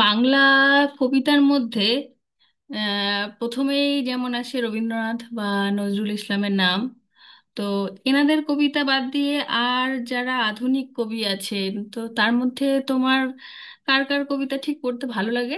বাংলা কবিতার মধ্যে প্রথমেই যেমন আসে রবীন্দ্রনাথ বা নজরুল ইসলামের নাম। তো এনাদের কবিতা বাদ দিয়ে আর যারা আধুনিক কবি আছেন, তো তার মধ্যে তোমার কার কার কবিতা ঠিক পড়তে ভালো লাগে?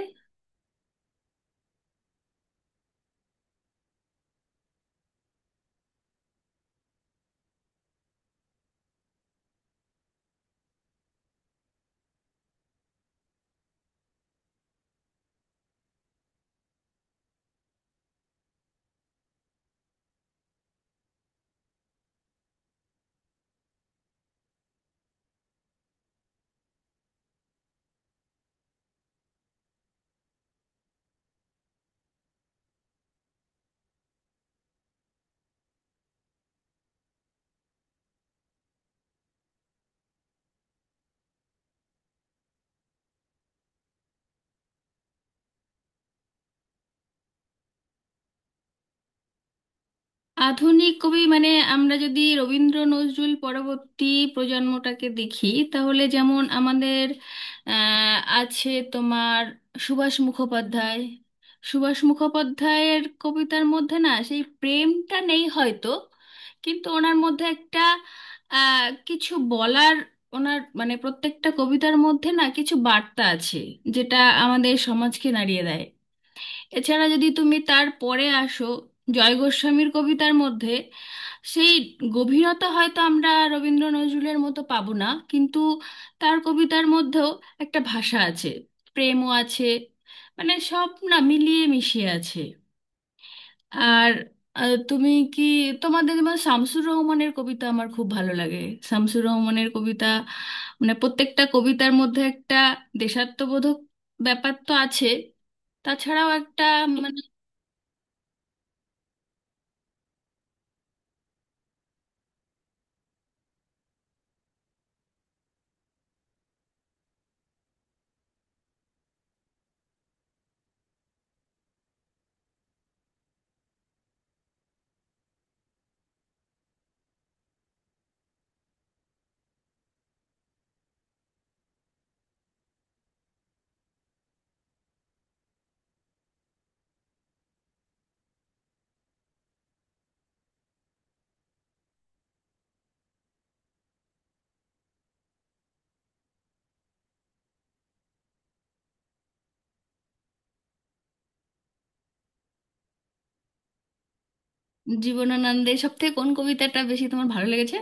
আধুনিক কবি মানে আমরা যদি রবীন্দ্র নজরুল পরবর্তী প্রজন্মটাকে দেখি তাহলে যেমন আমাদের আছে তোমার সুভাষ মুখোপাধ্যায়। সুভাষ মুখোপাধ্যায়ের কবিতার মধ্যে না সেই প্রেমটা নেই হয়তো, কিন্তু ওনার মধ্যে একটা কিছু বলার, ওনার মানে প্রত্যেকটা কবিতার মধ্যে না কিছু বার্তা আছে, যেটা আমাদের সমাজকে নাড়িয়ে দেয়। এছাড়া যদি তুমি তার পরে আসো, জয় গোস্বামীর কবিতার মধ্যে সেই গভীরতা হয়তো আমরা রবীন্দ্র নজরুলের মতো পাবো না, কিন্তু তার কবিতার মধ্যেও একটা ভাষা আছে, প্রেমও আছে, মানে সব না মিলিয়ে মিশিয়ে আছে। আর আহ, তুমি কি তোমাদের যেমন শামসুর রহমানের কবিতা আমার খুব ভালো লাগে। শামসুর রহমানের কবিতা মানে প্রত্যেকটা কবিতার মধ্যে একটা দেশাত্মবোধক ব্যাপার তো আছে, তাছাড়াও একটা মানে জীবনানন্দের সব থেকে কোন কবিতাটা বেশি তোমার ভালো লেগেছে?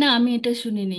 না, আমি এটা শুনিনি।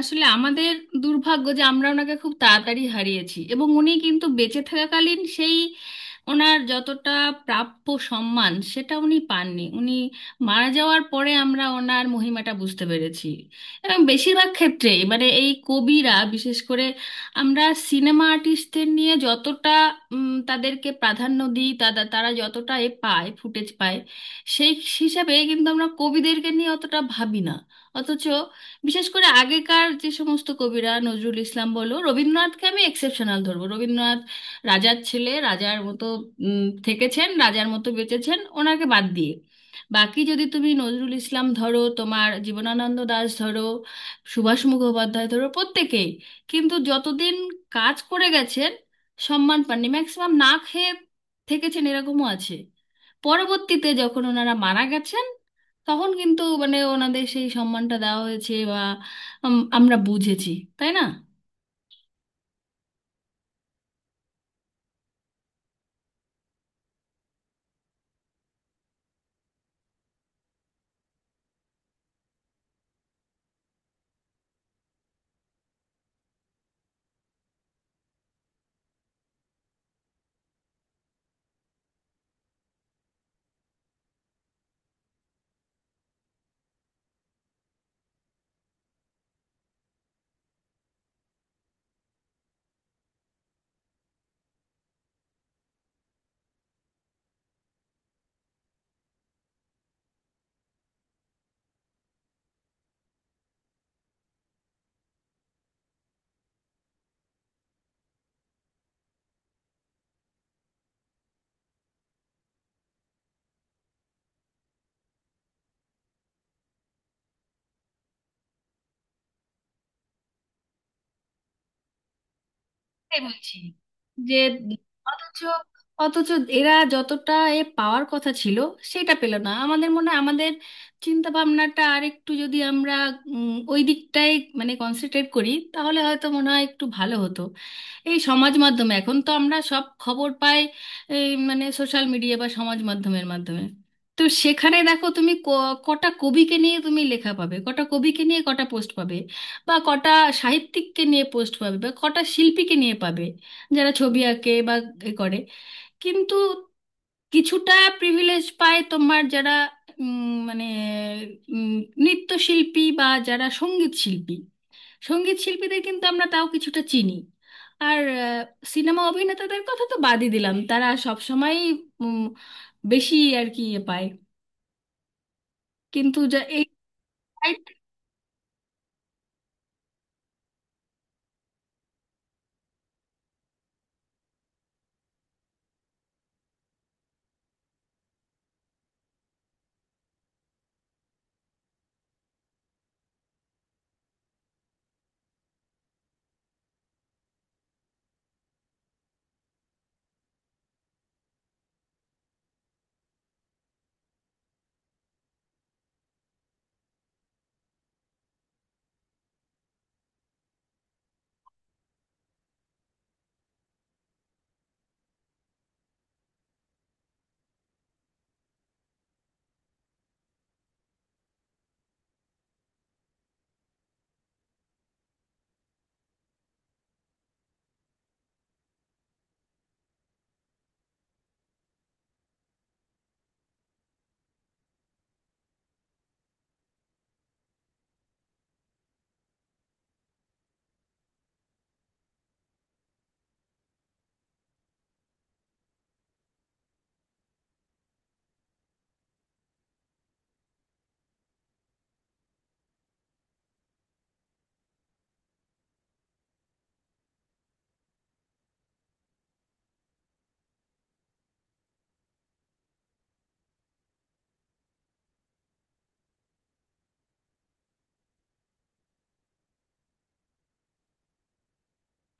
আসলে আমাদের দুর্ভাগ্য যে আমরা ওনাকে খুব তাড়াতাড়ি হারিয়েছি, এবং উনি কিন্তু বেঁচে থাকাকালীন সেই ওনার যতটা প্রাপ্য সম্মান সেটা উনি পাননি, উনি মারা যাওয়ার পরে আমরা ওনার মহিমাটা বুঝতে পেরেছি। এবং বেশিরভাগ ক্ষেত্রে এবারে এই কবিরা বিশেষ করে, আমরা সিনেমা আর্টিস্টদের নিয়ে যতটা তাদেরকে প্রাধান্য দিই, তারা তারা যতটা এ পায় ফুটেজ পায়, সেই হিসাবে কিন্তু আমরা কবিদেরকে নিয়ে অতটা ভাবি না। অথচ বিশেষ করে আগেকার যে সমস্ত কবিরা, নজরুল ইসলাম বলো, রবীন্দ্রনাথকে আমি এক্সেপশনাল ধরবো, রবীন্দ্রনাথ রাজার ছেলে রাজার মতো থেকেছেন, রাজার মতো বেঁচেছেন, ওনাকে বাদ দিয়ে বাকি যদি তুমি নজরুল ইসলাম ধরো, তোমার জীবনানন্দ দাশ ধরো, সুভাষ মুখোপাধ্যায় ধরো, প্রত্যেকেই কিন্তু যতদিন কাজ করে গেছেন সম্মান পাননি, ম্যাক্সিমাম না খেয়ে থেকেছেন, এরকমও আছে। পরবর্তীতে যখন ওনারা মারা গেছেন তখন কিন্তু মানে ওনাদের সেই সম্মানটা দেওয়া হয়েছে বা আমরা বুঝেছি, তাই না? সেটাই বলছি যে অথচ অথচ এরা যতটা এ পাওয়ার কথা ছিল সেটা পেল না, আমাদের মনে হয় আমাদের চিন্তা ভাবনাটা আর একটু যদি আমরা ওই দিকটাই মানে কনসেন্ট্রেট করি তাহলে হয়তো মনে হয় একটু ভালো হতো। এই সমাজ মাধ্যমে এখন তো আমরা সব খবর পাই, এই মানে সোশ্যাল মিডিয়া বা সমাজ মাধ্যমের মাধ্যমে। তো সেখানে দেখো তুমি, কটা কবিকে নিয়ে তুমি লেখা পাবে, কটা কবিকে নিয়ে কটা পোস্ট পাবে, বা কটা সাহিত্যিককে নিয়ে পোস্ট পাবে, বা কটা শিল্পীকে নিয়ে পাবে যারা ছবি আঁকে বা এ করে, কিন্তু কিছুটা প্রিভিলেজ পায় তোমার যারা উম, মানে উম, নৃত্যশিল্পী বা যারা সঙ্গীত শিল্পী। সঙ্গীত শিল্পীদের কিন্তু আমরা তাও কিছুটা চিনি। আর সিনেমা অভিনেতাদের কথা তো বাদই দিলাম, তারা সবসময়ই উম, বেশি আর কি ইয়ে পায়। কিন্তু যা এই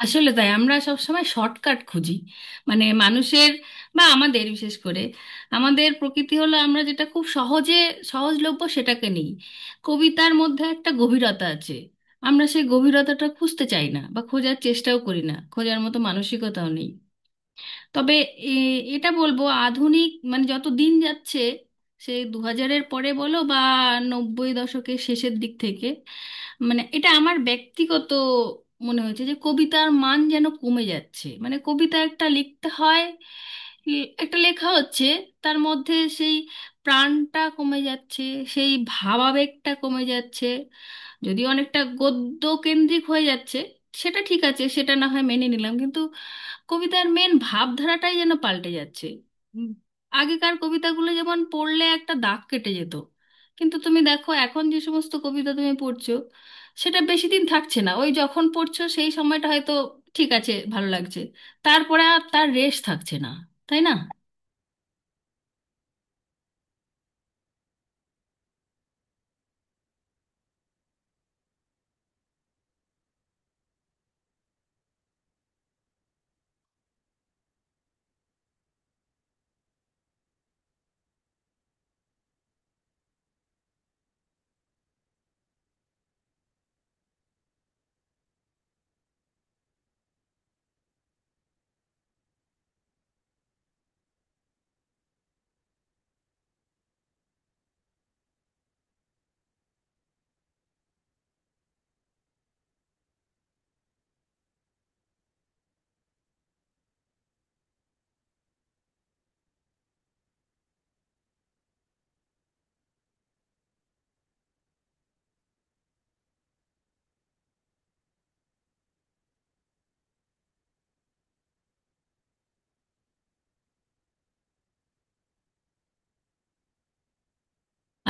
আসলে তাই, আমরা সব সময় শর্টকাট খুঁজি, মানে মানুষের বা আমাদের বিশেষ করে আমাদের প্রকৃতি হলো আমরা যেটা খুব সহজে সহজলভ্য সেটাকে নিই। কবিতার মধ্যে একটা গভীরতা আছে, আমরা সেই গভীরতাটা খুঁজতে চাই না বা খোঁজার চেষ্টাও করি না, খোঁজার মতো মানসিকতাও নেই। তবে এটা বলবো, আধুনিক মানে যত দিন যাচ্ছে, সে 2000-এর পরে বলো বা 90-এর দশকের শেষের দিক থেকে, মানে এটা আমার ব্যক্তিগত মনে হয়েছে যে কবিতার মান যেন কমে যাচ্ছে। মানে কবিতা একটা লিখতে হয়, একটা লেখা হচ্ছে, তার মধ্যে সেই প্রাণটা কমে যাচ্ছে, সেই ভাবাবেগটা কমে যাচ্ছে, যদি অনেকটা গদ্য কেন্দ্রিক হয়ে যাচ্ছে সেটা ঠিক আছে, সেটা না হয় মেনে নিলাম, কিন্তু কবিতার মেন ভাবধারাটাই যেন পাল্টে যাচ্ছে। উম, আগেকার কবিতাগুলো যেমন পড়লে একটা দাগ কেটে যেত, কিন্তু তুমি দেখো এখন যে সমস্ত কবিতা তুমি পড়ছো সেটা বেশি দিন থাকছে না, ওই যখন পড়ছো সেই সময়টা হয়তো ঠিক আছে, ভালো লাগছে, তারপরে আর তার রেশ থাকছে না, তাই না?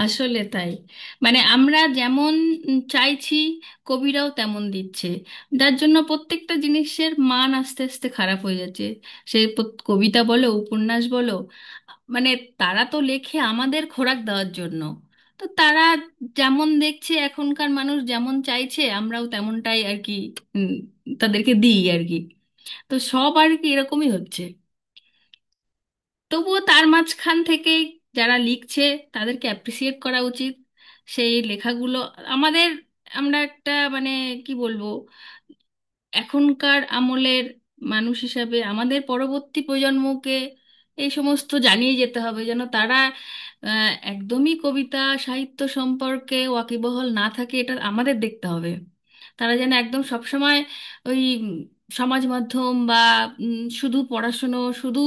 আসলে তাই, মানে আমরা যেমন চাইছি কবিরাও তেমন দিচ্ছে, যার জন্য প্রত্যেকটা জিনিসের মান আস্তে আস্তে খারাপ হয়ে যাচ্ছে, সে কবিতা বলো উপন্যাস বলো। মানে তারা তো লেখে আমাদের খোরাক দেওয়ার জন্য, তো তারা যেমন দেখছে এখনকার মানুষ যেমন চাইছে আমরাও তেমনটাই আর কি উম, তাদেরকে দিই আর কি, তো সব আর কি এরকমই হচ্ছে। তবুও তার মাঝখান থেকে যারা লিখছে তাদেরকে অ্যাপ্রিসিয়েট করা উচিত, সেই লেখাগুলো আমাদের, আমরা একটা মানে কি বলবো, এখনকার আমলের মানুষ হিসাবে আমাদের পরবর্তী প্রজন্মকে এই সমস্ত জানিয়ে যেতে হবে যেন তারা একদমই কবিতা সাহিত্য সম্পর্কে ওয়াকিবহাল না থাকে, এটা আমাদের দেখতে হবে। তারা যেন একদম সবসময় ওই সমাজ মাধ্যম বা শুধু পড়াশুনো শুধু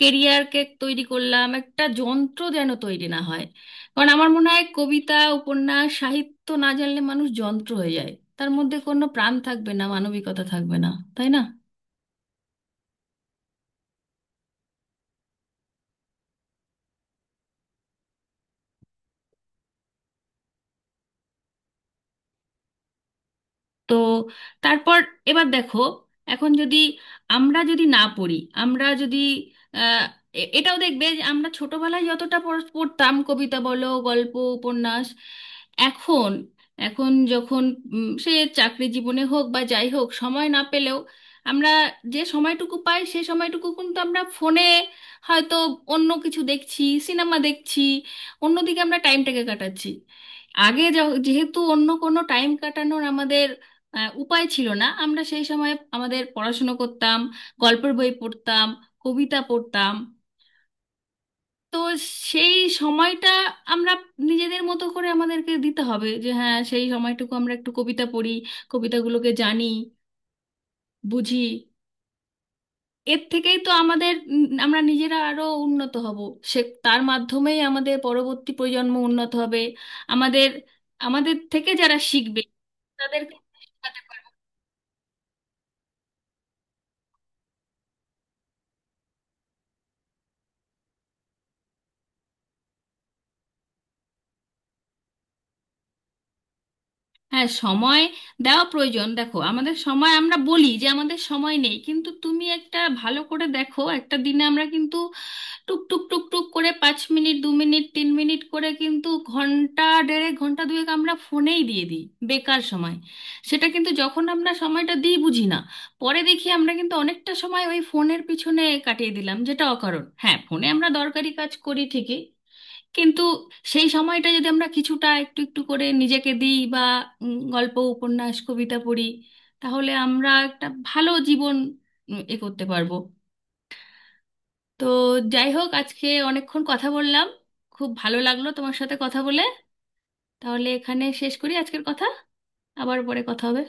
কেরিয়ারকে তৈরি করলাম একটা যন্ত্র যেন তৈরি না হয়। কারণ আমার মনে হয় কবিতা উপন্যাস সাহিত্য না জানলে মানুষ যন্ত্র হয়ে যায়, তার মধ্যে কোনো প্রাণ থাকবে না, মানবিকতা থাকবে না, তাই না? তো তারপর এবার দেখো, এখন যদি আমরা যদি না পড়ি, আমরা যদি আহ, এটাও দেখবে যে আমরা ছোটবেলায় যতটা পড়তাম কবিতা বলো গল্প উপন্যাস, এখন, এখন যখন সে চাকরি জীবনে হোক বা যাই হোক সময় না পেলেও আমরা যে সময়টুকু পাই সে সময়টুকু কিন্তু আমরা ফোনে হয়তো অন্য কিছু দেখছি সিনেমা দেখছি, অন্যদিকে আমরা টাইমটাকে কাটাচ্ছি। আগে যেহেতু অন্য কোনো টাইম কাটানোর আমাদের উপায় ছিল না, আমরা সেই সময় আমাদের পড়াশুনো করতাম, গল্পের বই পড়তাম, কবিতা পড়তাম। তো সেই সময়টা আমরা নিজেদের মতো করে আমাদেরকে দিতে হবে, যে হ্যাঁ সেই সময়টুকু আমরা একটু কবিতা পড়ি, কবিতাগুলোকে জানি, বুঝি, এর থেকেই তো আমাদের আমরা নিজেরা আরো উন্নত হব, সে তার মাধ্যমেই আমাদের পরবর্তী প্রজন্ম উন্নত হবে, আমাদের আমাদের থেকে যারা শিখবে তাদেরকে শেখাতে পারবে। হ্যাঁ সময় দেওয়া প্রয়োজন, দেখো আমাদের সময়, আমরা বলি যে আমাদের সময় নেই কিন্তু তুমি একটা ভালো করে দেখো, একটা দিনে আমরা কিন্তু টুক টুক টুক টুক করে 5 মিনিট 2 মিনিট 3 মিনিট করে কিন্তু ঘন্টা দেড়েক ঘন্টা দুয়েক আমরা ফোনেই দিয়ে দিই, বেকার সময়। সেটা কিন্তু যখন আমরা সময়টা দিই বুঝি না, পরে দেখি আমরা কিন্তু অনেকটা সময় ওই ফোনের পিছনে কাটিয়ে দিলাম যেটা অকারণ। হ্যাঁ ফোনে আমরা দরকারি কাজ করি ঠিকই, কিন্তু সেই সময়টা যদি আমরা কিছুটা একটু একটু করে নিজেকে দিই বা গল্প উপন্যাস কবিতা পড়ি, তাহলে আমরা একটা ভালো জীবন এ করতে পারবো। তো যাই হোক, আজকে অনেকক্ষণ কথা বললাম, খুব ভালো লাগলো তোমার সাথে কথা বলে, তাহলে এখানে শেষ করি আজকের কথা, আবার পরে কথা হবে।